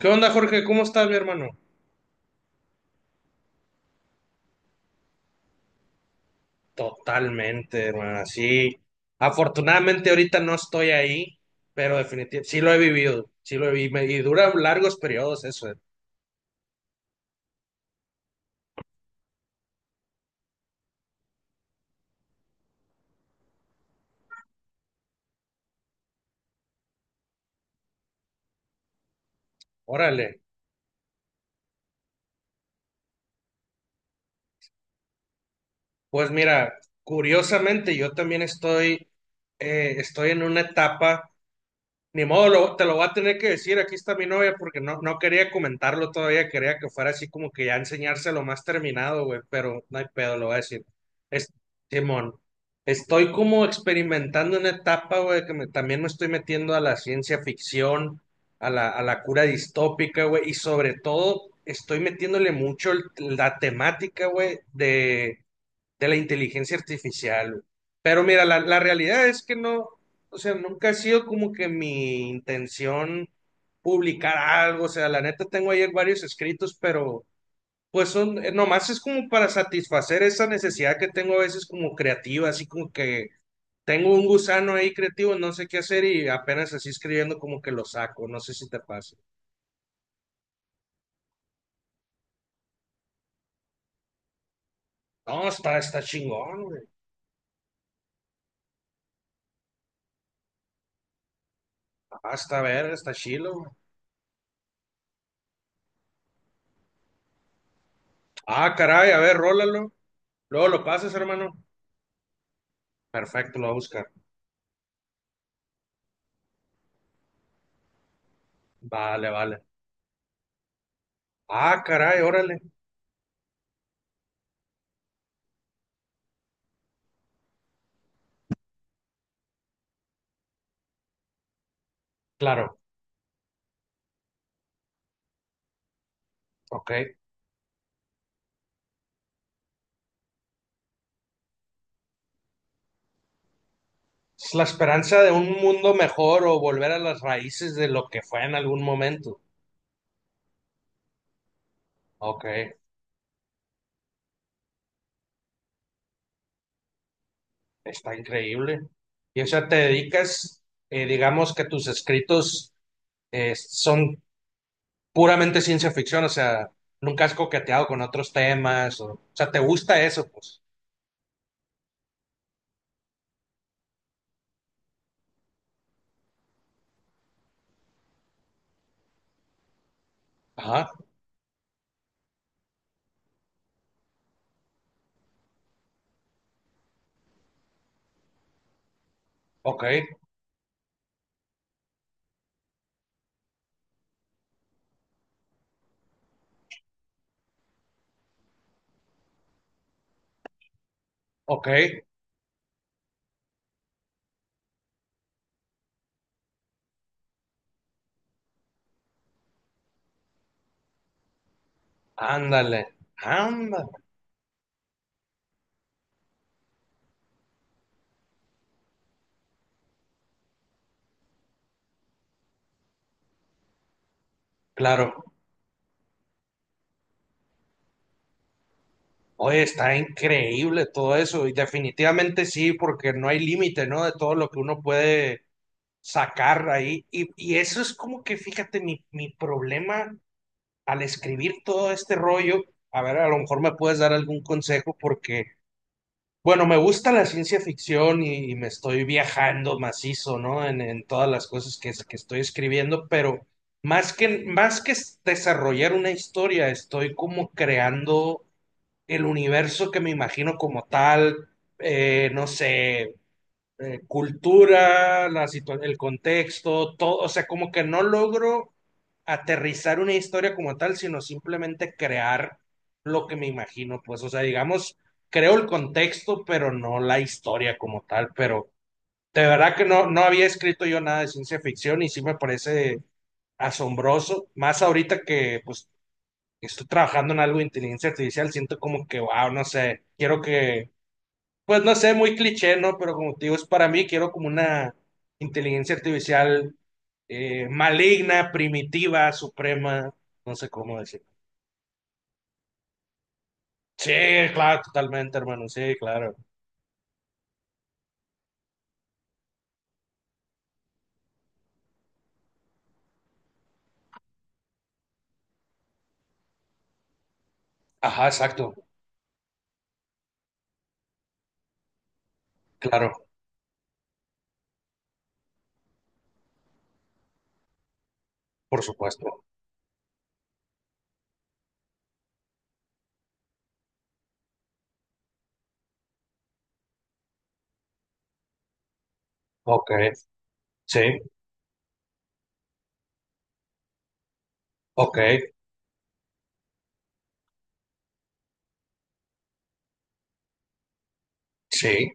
¿Qué onda, Jorge? ¿Cómo estás, mi hermano? Totalmente, hermano. Sí. Afortunadamente ahorita no estoy ahí, pero definitivamente sí lo he vivido, sí lo he vivido y dura largos periodos eso. Órale. Pues mira, curiosamente yo también estoy en una etapa. Ni modo, te lo voy a tener que decir, aquí está mi novia, porque no quería comentarlo todavía, quería que fuera así como que ya enseñárselo más terminado, güey, pero no hay pedo, lo voy a decir. Es, Simón, estoy como experimentando una etapa, güey, también me estoy metiendo a la ciencia ficción, a a la cura distópica, güey, y sobre todo estoy metiéndole mucho la temática, güey, de la inteligencia artificial, güey. Pero mira, la realidad es que no, o sea, nunca ha sido como que mi intención publicar algo, o sea, la neta tengo ayer varios escritos, pero pues son, nomás es como para satisfacer esa necesidad que tengo a veces como creativa, así como que tengo un gusano ahí creativo, no sé qué hacer y apenas así escribiendo como que lo saco, no sé si te pasa. No, está chingón, güey. Ah, está ver, está chilo, güey. Ah, caray, a ver, rólalo. Luego lo pasas, hermano. Perfecto, lo voy a buscar. Vale, vale. Ah, caray, órale. Claro, ok. Es la esperanza de un mundo mejor o volver a las raíces de lo que fue en algún momento. Ok, está increíble. Y o sea, te dedicas, digamos que tus escritos son puramente ciencia ficción, o sea, nunca has coqueteado con otros temas, o sea, te gusta eso, pues. Ajá, ok, ok, ándale, ándale. Claro. Oye, está increíble todo eso y definitivamente sí, porque no hay límite, ¿no? De todo lo que uno puede sacar ahí. Y eso es como que, fíjate, mi problema al escribir todo este rollo, a ver, a lo mejor me puedes dar algún consejo porque, bueno, me gusta la ciencia ficción y me estoy viajando macizo, ¿no? En todas las cosas que estoy escribiendo, pero más que desarrollar una historia, estoy como creando el universo que me imagino como tal, no sé, cultura, el contexto, todo, o sea, como que no logro aterrizar una historia como tal, sino simplemente crear lo que me imagino, pues, o sea, digamos, creo el contexto, pero no la historia como tal, pero de verdad que no, no había escrito yo nada de ciencia ficción y sí me parece asombroso, más ahorita que pues estoy trabajando en algo de inteligencia artificial, siento como que, wow, no sé, quiero que, pues no sé, muy cliché, ¿no? Pero como te digo, es para mí, quiero como una inteligencia artificial maligna, primitiva, suprema, no sé cómo decir. Sí, claro, totalmente, hermano, sí, claro. Ajá, exacto, claro, por supuesto. Ok, sí, ok, sí,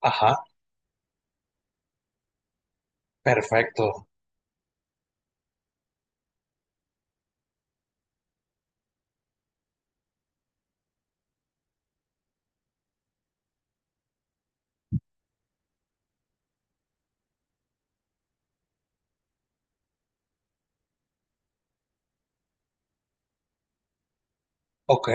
ajá, perfecto, ok,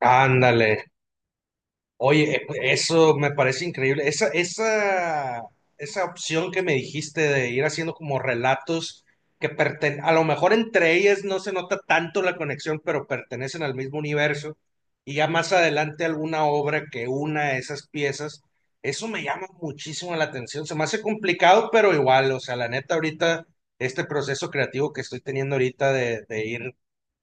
ándale. Oye, eso me parece increíble. Esa opción que me dijiste de ir haciendo como relatos que pertenecen, a lo mejor entre ellas no se nota tanto la conexión, pero pertenecen al mismo universo, y ya más adelante alguna obra que una esas piezas, eso me llama muchísimo la atención. Se me hace complicado, pero igual, o sea, la neta ahorita, este proceso creativo que estoy teniendo ahorita de ir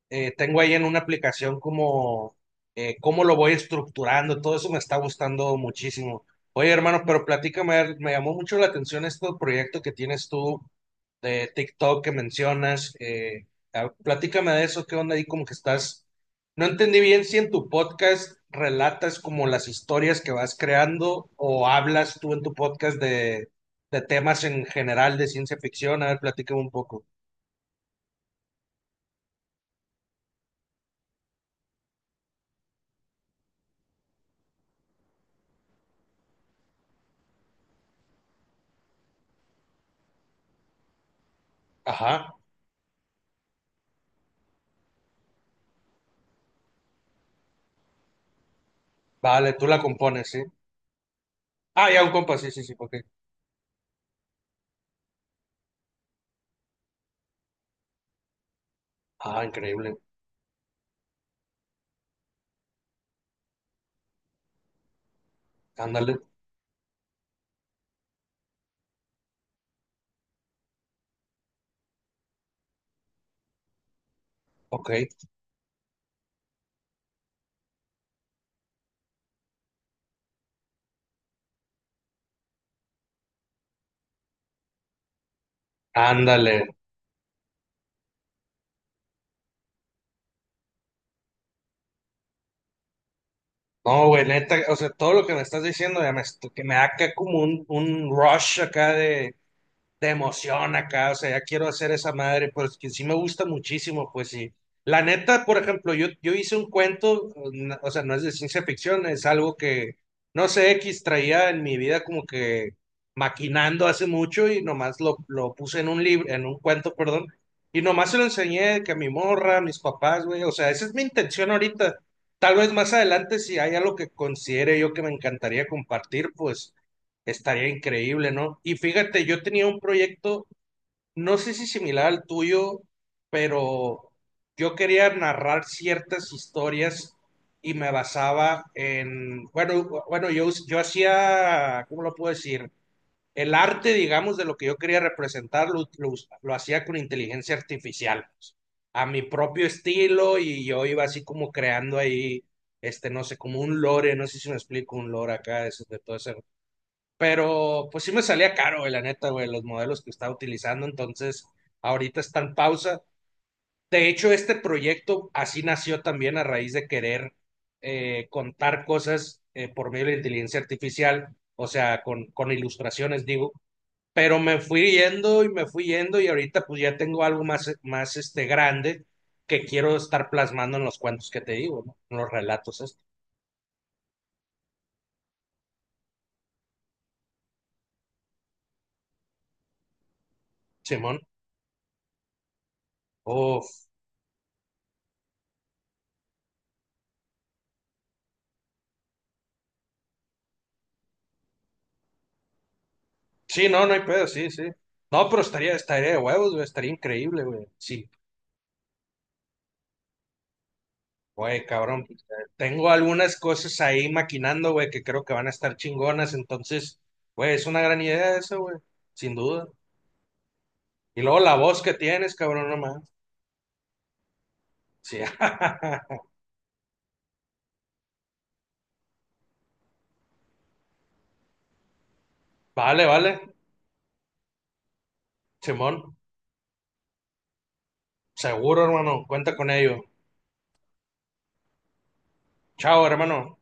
tengo ahí en una aplicación como cómo lo voy estructurando, todo eso me está gustando muchísimo. Oye, hermano, pero platícame, a ver, me llamó mucho la atención este proyecto que tienes tú de TikTok que mencionas. Platícame de eso, qué onda ahí, como que estás. No entendí bien si en tu podcast relatas como las historias que vas creando o hablas tú en tu podcast de temas en general de ciencia ficción. A ver, platícame un poco. Ajá, vale, tú la compones, ¿sí? Ah, ya, un compa, sí, sí, sí, ok. Ah, increíble. Ándale, ok. Ándale. No, güey, neta, o sea, todo lo que me estás diciendo ya que me da acá como un rush acá de emoción acá, o sea, ya quiero hacer esa madre, pues que sí me gusta muchísimo, pues sí. La neta, por ejemplo, yo hice un cuento, o sea, no es de ciencia ficción, es algo que, no sé, X traía en mi vida como que maquinando hace mucho y nomás lo puse en un libro, en un cuento, perdón, y nomás se lo enseñé que a mi morra, a mis papás, güey, o sea, esa es mi intención ahorita. Tal vez más adelante, si hay algo que considere yo que me encantaría compartir, pues estaría increíble, ¿no? Y fíjate, yo tenía un proyecto, no sé si similar al tuyo, pero yo quería narrar ciertas historias y me basaba en, bueno, yo hacía, ¿cómo lo puedo decir? El arte, digamos, de lo que yo quería representar, lo hacía con inteligencia artificial, pues, a mi propio estilo y yo iba así como creando ahí, este, no sé, como un lore, no sé si me explico, un lore acá, de todo ese pero pues sí me salía caro, güey, la neta, güey, los modelos que estaba utilizando. Entonces, ahorita está en pausa. De hecho, este proyecto así nació también a raíz de querer contar cosas por medio de la inteligencia artificial, o sea, con ilustraciones, digo. Pero me fui yendo y me fui yendo y ahorita pues ya tengo algo más, más este, grande que quiero estar plasmando en los cuentos que te digo, ¿no? En los relatos estos. Simón, oh, sí, no, no hay pedo, sí, sí. No, pero estaría, estaría de huevos, güey, estaría increíble, güey. Sí, güey, cabrón. Tengo algunas cosas ahí maquinando, güey, que creo que van a estar chingonas, entonces, güey, es una gran idea eso, güey, sin duda. Y luego la voz que tienes, cabrón, nomás. Sí. Vale, vale, Simón, seguro, hermano, cuenta con ello. Chao, hermano.